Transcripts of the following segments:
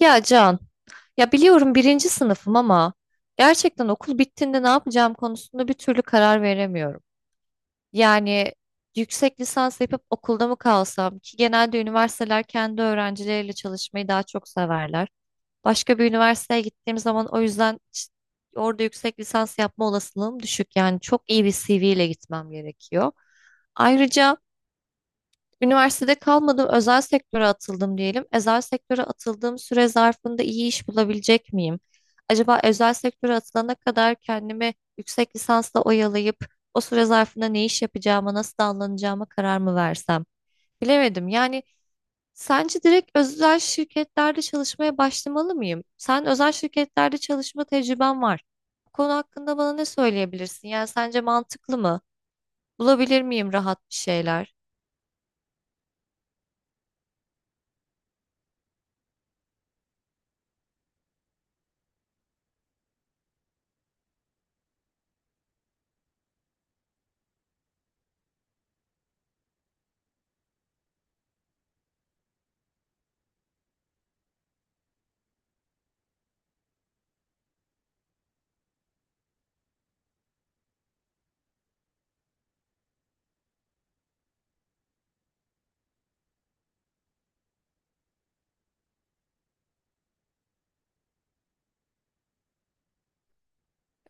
Ya Can, ya biliyorum birinci sınıfım ama gerçekten okul bittiğinde ne yapacağım konusunda bir türlü karar veremiyorum. Yani yüksek lisans yapıp okulda mı kalsam ki genelde üniversiteler kendi öğrencileriyle çalışmayı daha çok severler. Başka bir üniversiteye gittiğim zaman o yüzden orada yüksek lisans yapma olasılığım düşük. Yani çok iyi bir CV ile gitmem gerekiyor. Ayrıca üniversitede kalmadım, özel sektöre atıldım diyelim. Özel sektöre atıldığım süre zarfında iyi iş bulabilecek miyim? Acaba özel sektöre atılana kadar kendimi yüksek lisansla oyalayıp o süre zarfında ne iş yapacağıma, nasıl davranacağıma karar mı versem? Bilemedim. Yani sence direkt özel şirketlerde çalışmaya başlamalı mıyım? Sen özel şirketlerde çalışma tecrüben var. Bu konu hakkında bana ne söyleyebilirsin? Yani sence mantıklı mı? Bulabilir miyim rahat bir şeyler?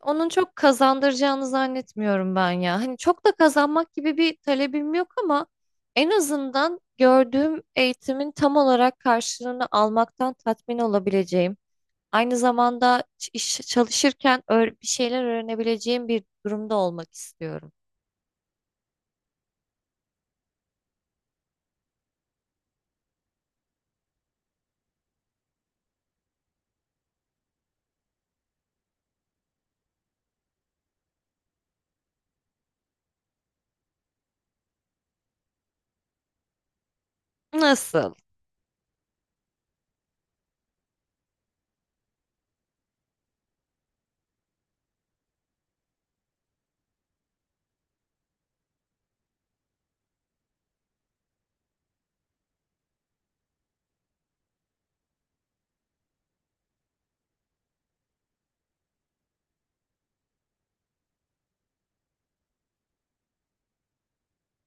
Onun çok kazandıracağını zannetmiyorum ben ya. Hani çok da kazanmak gibi bir talebim yok ama en azından gördüğüm eğitimin tam olarak karşılığını almaktan tatmin olabileceğim. Aynı zamanda iş çalışırken bir şeyler öğrenebileceğim bir durumda olmak istiyorum. Nasıl?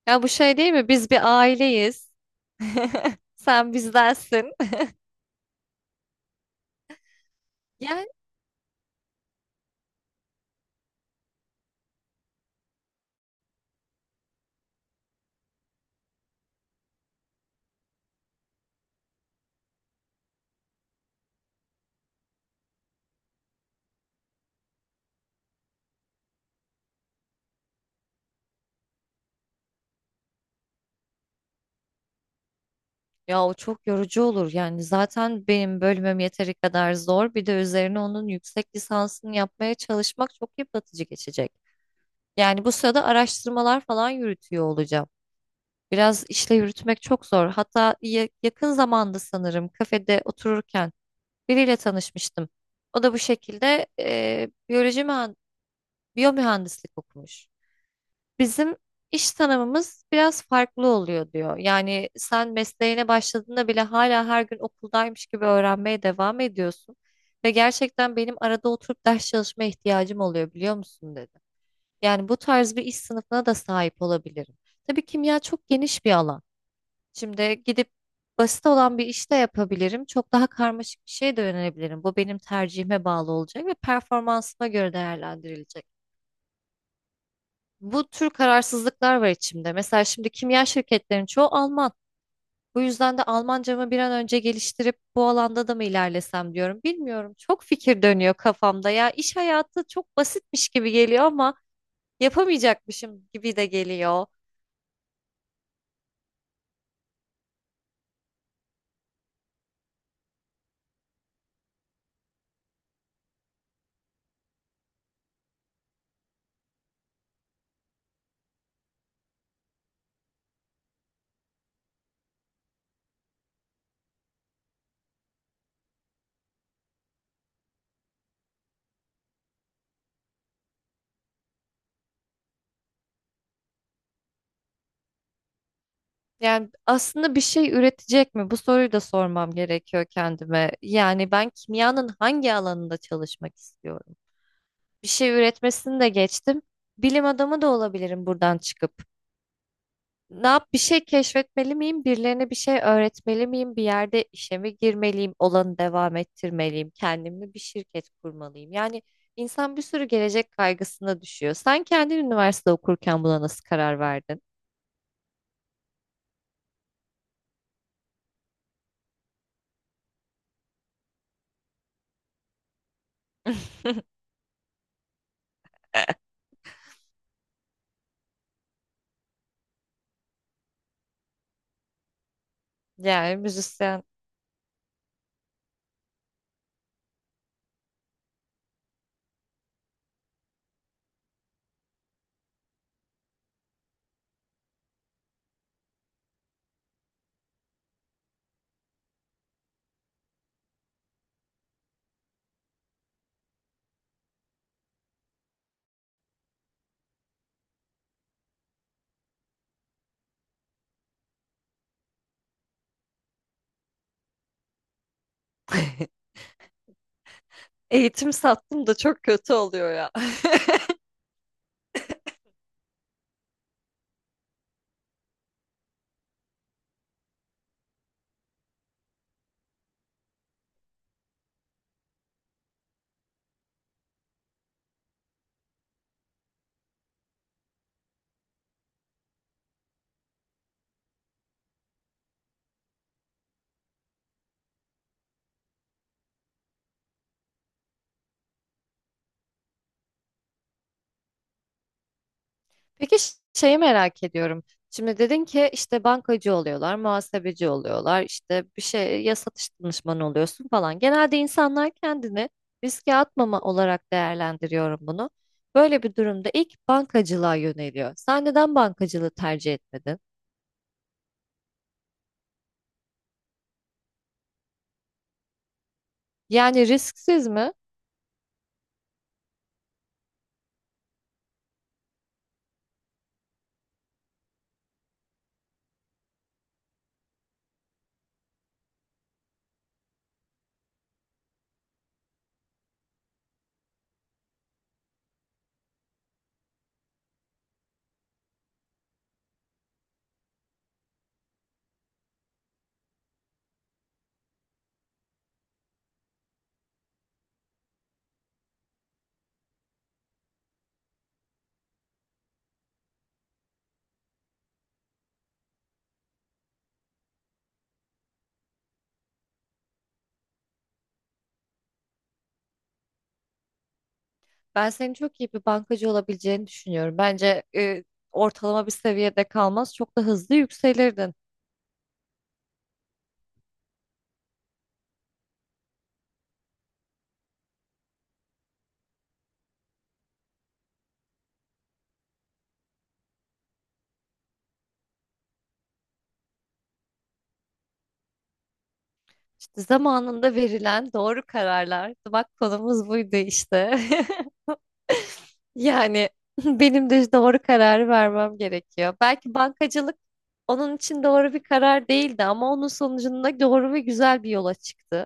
Ya bu şey değil mi? Biz bir aileyiz. Sen bizdensin. Ya ya o çok yorucu olur, yani zaten benim bölümüm yeteri kadar zor, bir de üzerine onun yüksek lisansını yapmaya çalışmak çok yıpratıcı geçecek. Yani bu sırada araştırmalar falan yürütüyor olacağım. Biraz işle yürütmek çok zor. Hatta yakın zamanda sanırım kafede otururken biriyle tanışmıştım. O da bu şekilde biyoloji biyomühendislik okumuş. Bizim iş tanımımız biraz farklı oluyor diyor. Yani sen mesleğine başladığında bile hala her gün okuldaymış gibi öğrenmeye devam ediyorsun. Ve gerçekten benim arada oturup ders çalışma ihtiyacım oluyor biliyor musun dedi. Yani bu tarz bir iş sınıfına da sahip olabilirim. Tabii kimya çok geniş bir alan. Şimdi gidip basit olan bir iş de yapabilirim. Çok daha karmaşık bir şeye de yönelebilirim. Bu benim tercihime bağlı olacak ve performansıma göre değerlendirilecek. Bu tür kararsızlıklar var içimde. Mesela şimdi kimya şirketlerinin çoğu Alman. Bu yüzden de Almancamı bir an önce geliştirip bu alanda da mı ilerlesem diyorum. Bilmiyorum. Çok fikir dönüyor kafamda. Ya iş hayatı çok basitmiş gibi geliyor ama yapamayacakmışım gibi de geliyor. Yani aslında bir şey üretecek mi? Bu soruyu da sormam gerekiyor kendime. Yani ben kimyanın hangi alanında çalışmak istiyorum? Bir şey üretmesini de geçtim. Bilim adamı da olabilirim buradan çıkıp. Ne yap, bir şey keşfetmeli miyim? Birilerine bir şey öğretmeli miyim? Bir yerde işe mi girmeliyim? Olanı devam ettirmeliyim? Kendimle bir şirket kurmalıyım? Yani insan bir sürü gelecek kaygısına düşüyor. Sen kendin üniversite okurken buna nasıl karar verdin? Yani müzisyen. Eğitim sattım da çok kötü oluyor ya. Peki şeyi merak ediyorum. Şimdi dedin ki işte bankacı oluyorlar, muhasebeci oluyorlar, işte bir şey, ya satış danışmanı oluyorsun falan. Genelde insanlar kendini riske atmama olarak değerlendiriyorum bunu. Böyle bir durumda ilk bankacılığa yöneliyor. Sen neden bankacılığı tercih etmedin? Yani risksiz mi? Ben senin çok iyi bir bankacı olabileceğini düşünüyorum. Bence ortalama bir seviyede kalmaz, çok da hızlı yükselirdin. İşte zamanında verilen doğru kararlar. Bak konumuz buydu işte. Yani benim de doğru kararı vermem gerekiyor. Belki bankacılık onun için doğru bir karar değildi ama onun sonucunda doğru ve güzel bir yola çıktı.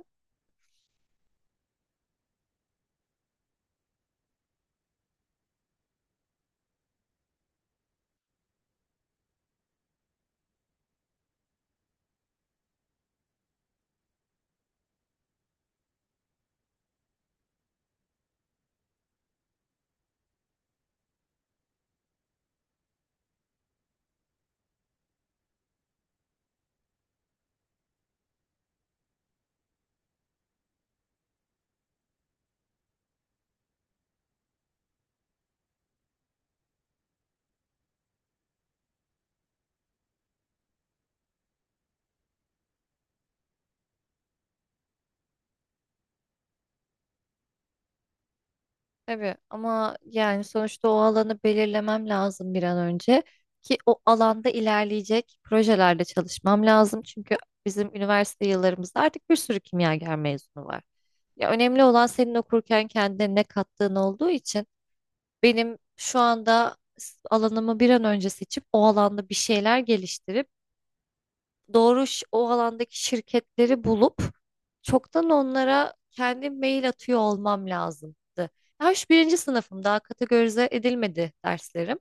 Tabii ama yani sonuçta o alanı belirlemem lazım bir an önce ki o alanda ilerleyecek projelerde çalışmam lazım. Çünkü bizim üniversite yıllarımızda artık bir sürü kimyager mezunu var. Ya önemli olan senin okurken kendine ne kattığın olduğu için benim şu anda alanımı bir an önce seçip o alanda bir şeyler geliştirip doğru o alandaki şirketleri bulup çoktan onlara kendim mail atıyor olmam lazımdı. Daha şu birinci sınıfım, daha kategorize edilmedi derslerim.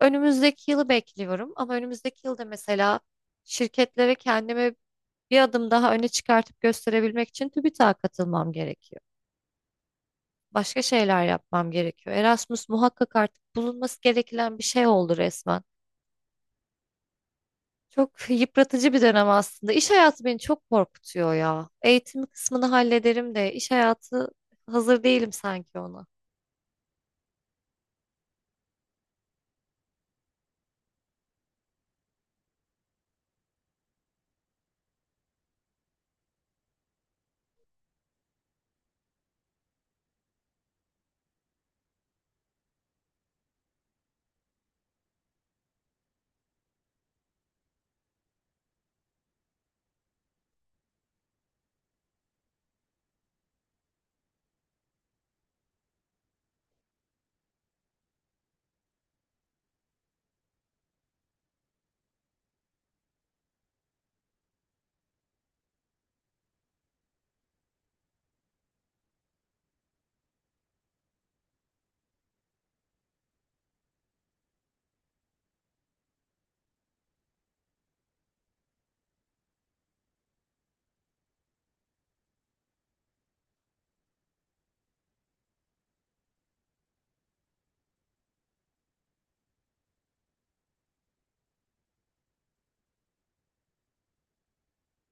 Önümüzdeki yılı bekliyorum ama önümüzdeki yılda mesela şirketlere kendimi bir adım daha öne çıkartıp gösterebilmek için TÜBİTAK'a katılmam gerekiyor. Başka şeyler yapmam gerekiyor. Erasmus muhakkak artık bulunması gereken bir şey oldu resmen. Çok yıpratıcı bir dönem aslında. İş hayatı beni çok korkutuyor ya. Eğitim kısmını hallederim de iş hayatı, hazır değilim sanki ona.